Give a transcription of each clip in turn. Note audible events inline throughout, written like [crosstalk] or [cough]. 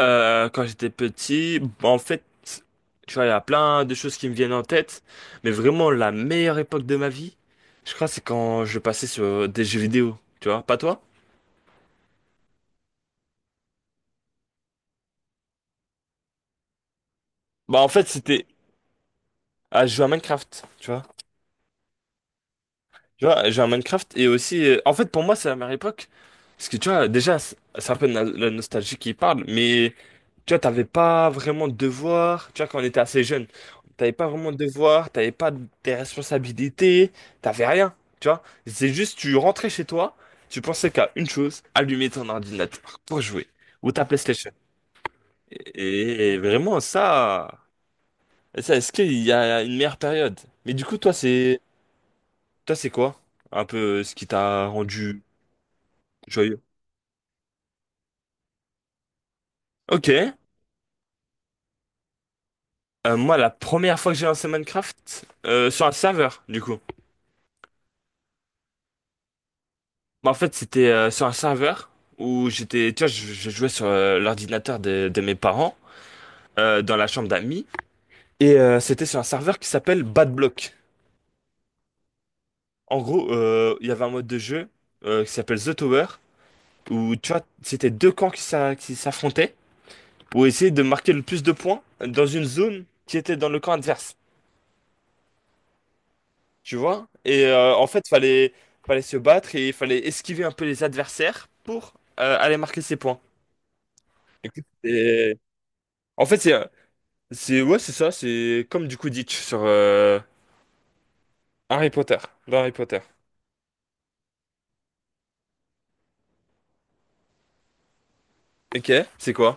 Quand j'étais petit, en fait, tu vois, il y a plein de choses qui me viennent en tête, mais vraiment la meilleure époque de ma vie, je crois, c'est quand je passais sur des jeux vidéo, tu vois, pas toi? Bah en fait, c'était à jouer à Minecraft, tu vois. Tu vois, j'ai un Minecraft et aussi, en fait, pour moi, c'est la meilleure époque. Parce que tu vois, déjà, c'est un peu la nostalgie qui parle, mais tu vois, t'avais pas vraiment de devoirs. Tu vois, quand on était assez jeune, t'avais pas vraiment de devoirs, t'avais pas des responsabilités, t'avais rien. Tu vois, c'est juste, tu rentrais chez toi, tu pensais qu'à une chose, allumer ton ordinateur pour jouer ou ta PlayStation. Et vraiment, ça, est-ce qu'il y a une meilleure période? Mais du coup, toi, c'est quoi? Un peu ce qui t'a rendu. Joyeux. Ok. Moi, la première fois que j'ai lancé Minecraft, sur un serveur, du coup. Bah, en fait, c'était sur un serveur où j'étais, tu vois, je jouais sur l'ordinateur de mes parents, dans la chambre d'amis, et c'était sur un serveur qui s'appelle Bad Block. En gros, il y avait un mode de jeu qui s'appelle The Tower, où, tu vois, c'était deux camps qui s'affrontaient pour essayer de marquer le plus de points dans une zone qui était dans le camp adverse. Tu vois? Et en fait, fallait se battre et il fallait esquiver un peu les adversaires pour aller marquer ses points. Écoute, en fait, ouais, c'est ça, c'est comme du Quidditch sur Harry Potter, dans Harry Potter. Ok, c'est quoi?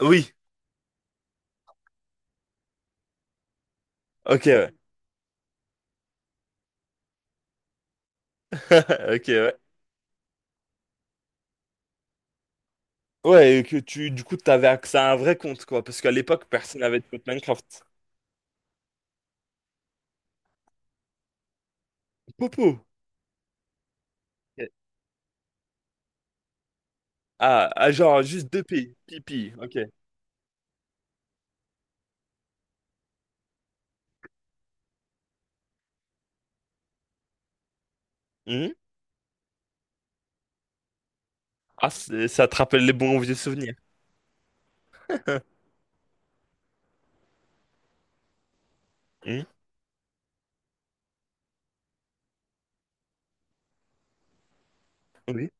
Oui, ok, ouais. [laughs] Ok, ouais. Ouais, et que tu, du coup, t'avais accès à un vrai compte, quoi, parce qu'à l'époque, personne n'avait de compte Minecraft. Popo! Ok. Ah, ah, genre, juste deux pi, pipi, ok. Hmm. Ah, ça te rappelle les bons vieux souvenirs. Hmm. Oui.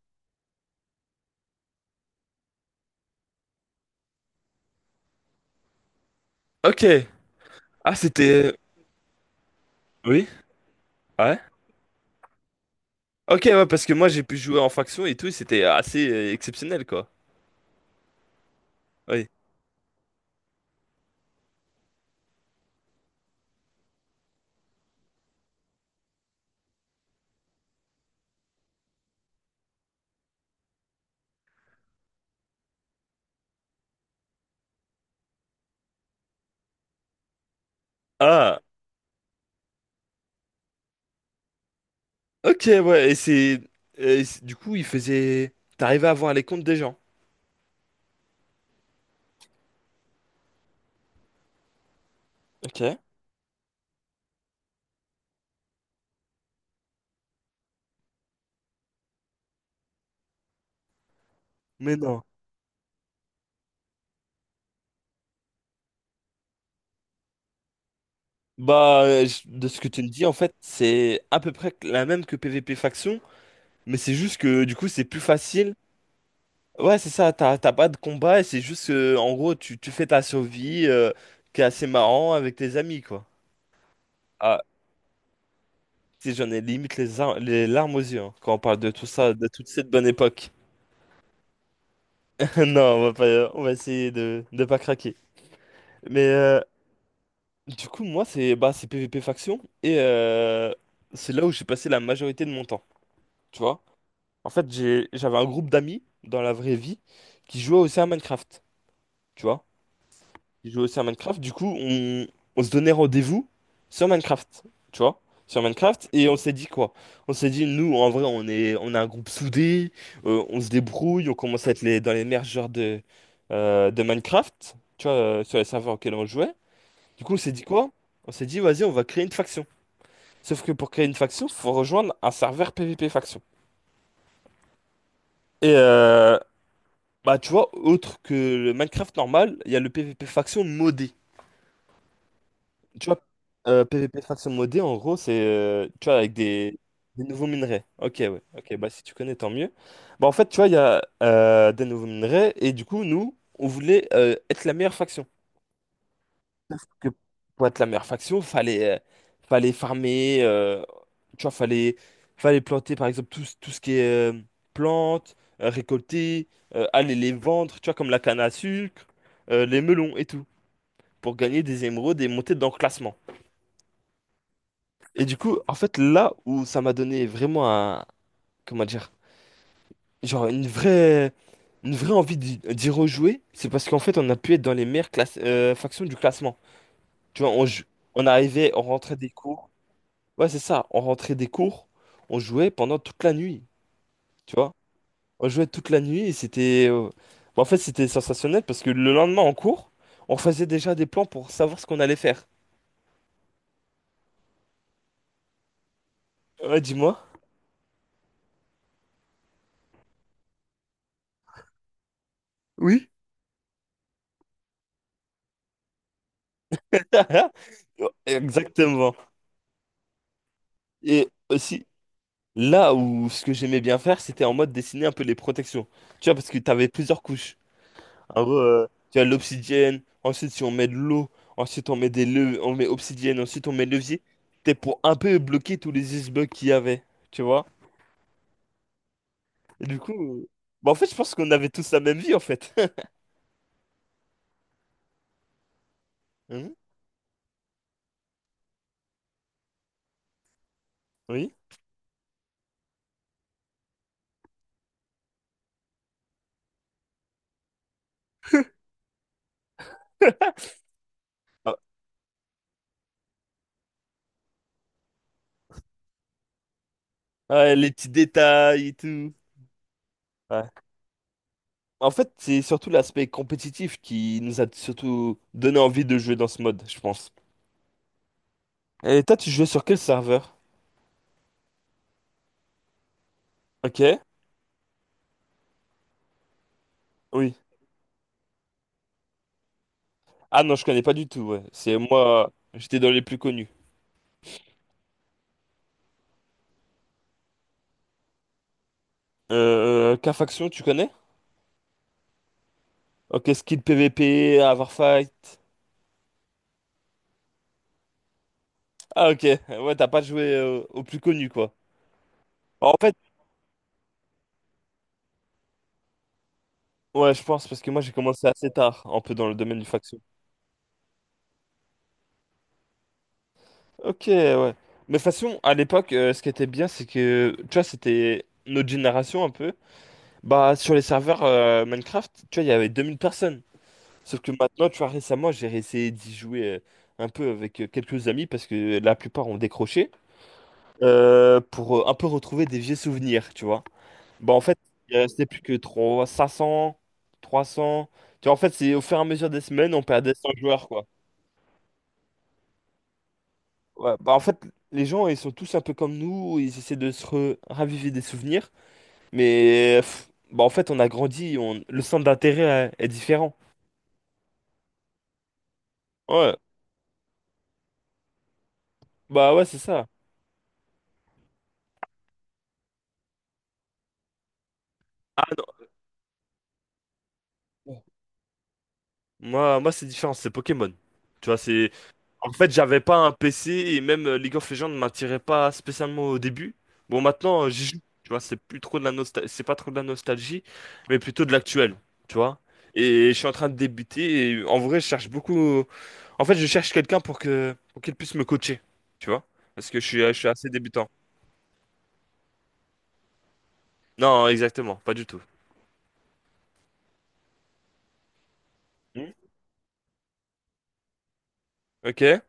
Ok. Ah, c'était. Oui? Ouais? Ok, ouais, parce que moi j'ai pu jouer en faction et tout, et c'était assez exceptionnel, quoi. Oui. Ah, ok, ouais, du coup, t'arrivais à voir les comptes des gens. Ok. Mais non. Bah, de ce que tu me dis, en fait, c'est à peu près la même que PvP faction, mais c'est juste que du coup, c'est plus facile. Ouais, c'est ça, t'as pas de combat, et c'est juste que, en gros, tu fais ta survie, qui est assez marrant avec tes amis, quoi. Ah, si j'en ai limite les larmes aux yeux hein, quand on parle de tout ça, de toute cette bonne époque. [laughs] Non, on va pas, on va essayer de ne pas craquer. Mais du coup, moi, c'est bah, c'est PVP faction et c'est là où j'ai passé la majorité de mon temps. Tu vois? En fait, j'avais un groupe d'amis dans la vraie vie qui jouaient aussi à Minecraft. Tu vois? Je jouais aussi à Minecraft. Du coup, on se donnait rendez-vous sur Minecraft, tu vois, sur Minecraft. Et on s'est dit quoi? On s'est dit, nous, en vrai, on a un groupe soudé, on se débrouille, on commence à être dans les meilleurs joueurs de Minecraft, tu vois, sur les serveurs auxquels on jouait. Du coup, on s'est dit quoi? On s'est dit, vas-y, on va créer une faction. Sauf que pour créer une faction, faut rejoindre un serveur PVP faction. Et bah, tu vois, autre que le Minecraft normal, il y a le PVP faction modé. Tu vois, PVP faction modée, en gros, c'est tu vois, avec des nouveaux minerais. Ok, ouais. Ok, bah si tu connais, tant mieux. Bah en fait, tu vois, il y a des nouveaux minerais et du coup, nous, on voulait être la meilleure faction. Que pour être la meilleure faction, fallait farmer, tu vois, fallait planter, par exemple, tout, tout ce qui est plantes, récolter, aller les vendre, tu vois, comme la canne à sucre, les melons et tout, pour gagner des émeraudes et monter dans le classement. Et du coup, en fait, là où ça m'a donné vraiment comment dire, genre une vraie envie d'y rejouer, c'est parce qu'en fait, on a pu être dans les meilleures factions du classement. Tu vois, on rentrait des cours. Ouais, c'est ça, on rentrait des cours, on jouait pendant toute la nuit, tu vois. On jouait toute la nuit et bon, en fait, c'était sensationnel parce que le lendemain en cours, on faisait déjà des plans pour savoir ce qu'on allait faire. Ouais, dis-moi. Oui. [laughs] Exactement. Et aussi. Là où ce que j'aimais bien faire, c'était en mode dessiner un peu les protections. Tu vois, parce que t'avais plusieurs couches. En gros, tu as l'obsidienne, ensuite si on met de l'eau, ensuite on met on met obsidienne, ensuite on met levier. C'était pour un peu bloquer tous les icebergs qu'il y avait, tu vois. Et du coup, bah en fait, je pense qu'on avait tous la même vie, en fait. [laughs] Hein. Oui. Ah, ouais, les petits détails et tout. Ouais. En fait, c'est surtout l'aspect compétitif qui nous a surtout donné envie de jouer dans ce mode, je pense. Et toi, tu jouais sur quel serveur? Ok. Oui. Ah non, je connais pas du tout, ouais. C'est moi, j'étais dans les plus connus. K-Faction, tu connais? Ok, Skill PVP, Fight. Ah ok, ouais, t'as pas joué aux plus connus, quoi. En fait, ouais, je pense, parce que moi j'ai commencé assez tard, un peu dans le domaine du faction. Ok, ouais. Mais de toute façon, à l'époque, ce qui était bien, c'est que, tu vois, c'était notre génération un peu. Bah, sur les serveurs Minecraft, tu vois, il y avait 2000 personnes. Sauf que maintenant, tu vois, récemment, j'ai essayé d'y jouer un peu avec quelques amis parce que la plupart ont décroché pour un peu retrouver des vieux souvenirs, tu vois. Bah, en fait, il restait plus que 3, 500, 300. Tu vois, en fait, c'est au fur et à mesure des semaines, on perdait 100 joueurs, quoi. Ouais, bah, en fait, les gens, ils sont tous un peu comme nous, ils essaient de se raviver des souvenirs, mais pff, bah, en fait, on a grandi, le centre d'intérêt est différent. Ouais, bah ouais, c'est ça. Ah non. Moi, moi c'est différent, c'est Pokémon. Tu vois, c'est. En fait, j'avais pas un PC et même League of Legends ne m'attirait pas spécialement au début. Bon, maintenant, j'y joue. Tu vois, c'est plus trop de la nostalgie, c'est pas trop de la nostalgie, mais plutôt de l'actuel. Tu vois? Et je suis en train de débuter et en vrai, je cherche beaucoup. En fait, je cherche quelqu'un pour qu'il puisse me coacher. Tu vois? Parce que je suis assez débutant. Non, exactement, pas du tout. Hmm. Ok.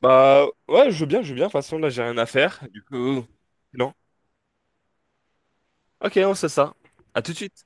Bah ouais, je veux bien, je veux bien. De toute façon, là, j'ai rien à faire. Du coup, non. Ok, on sait ça. À tout de suite.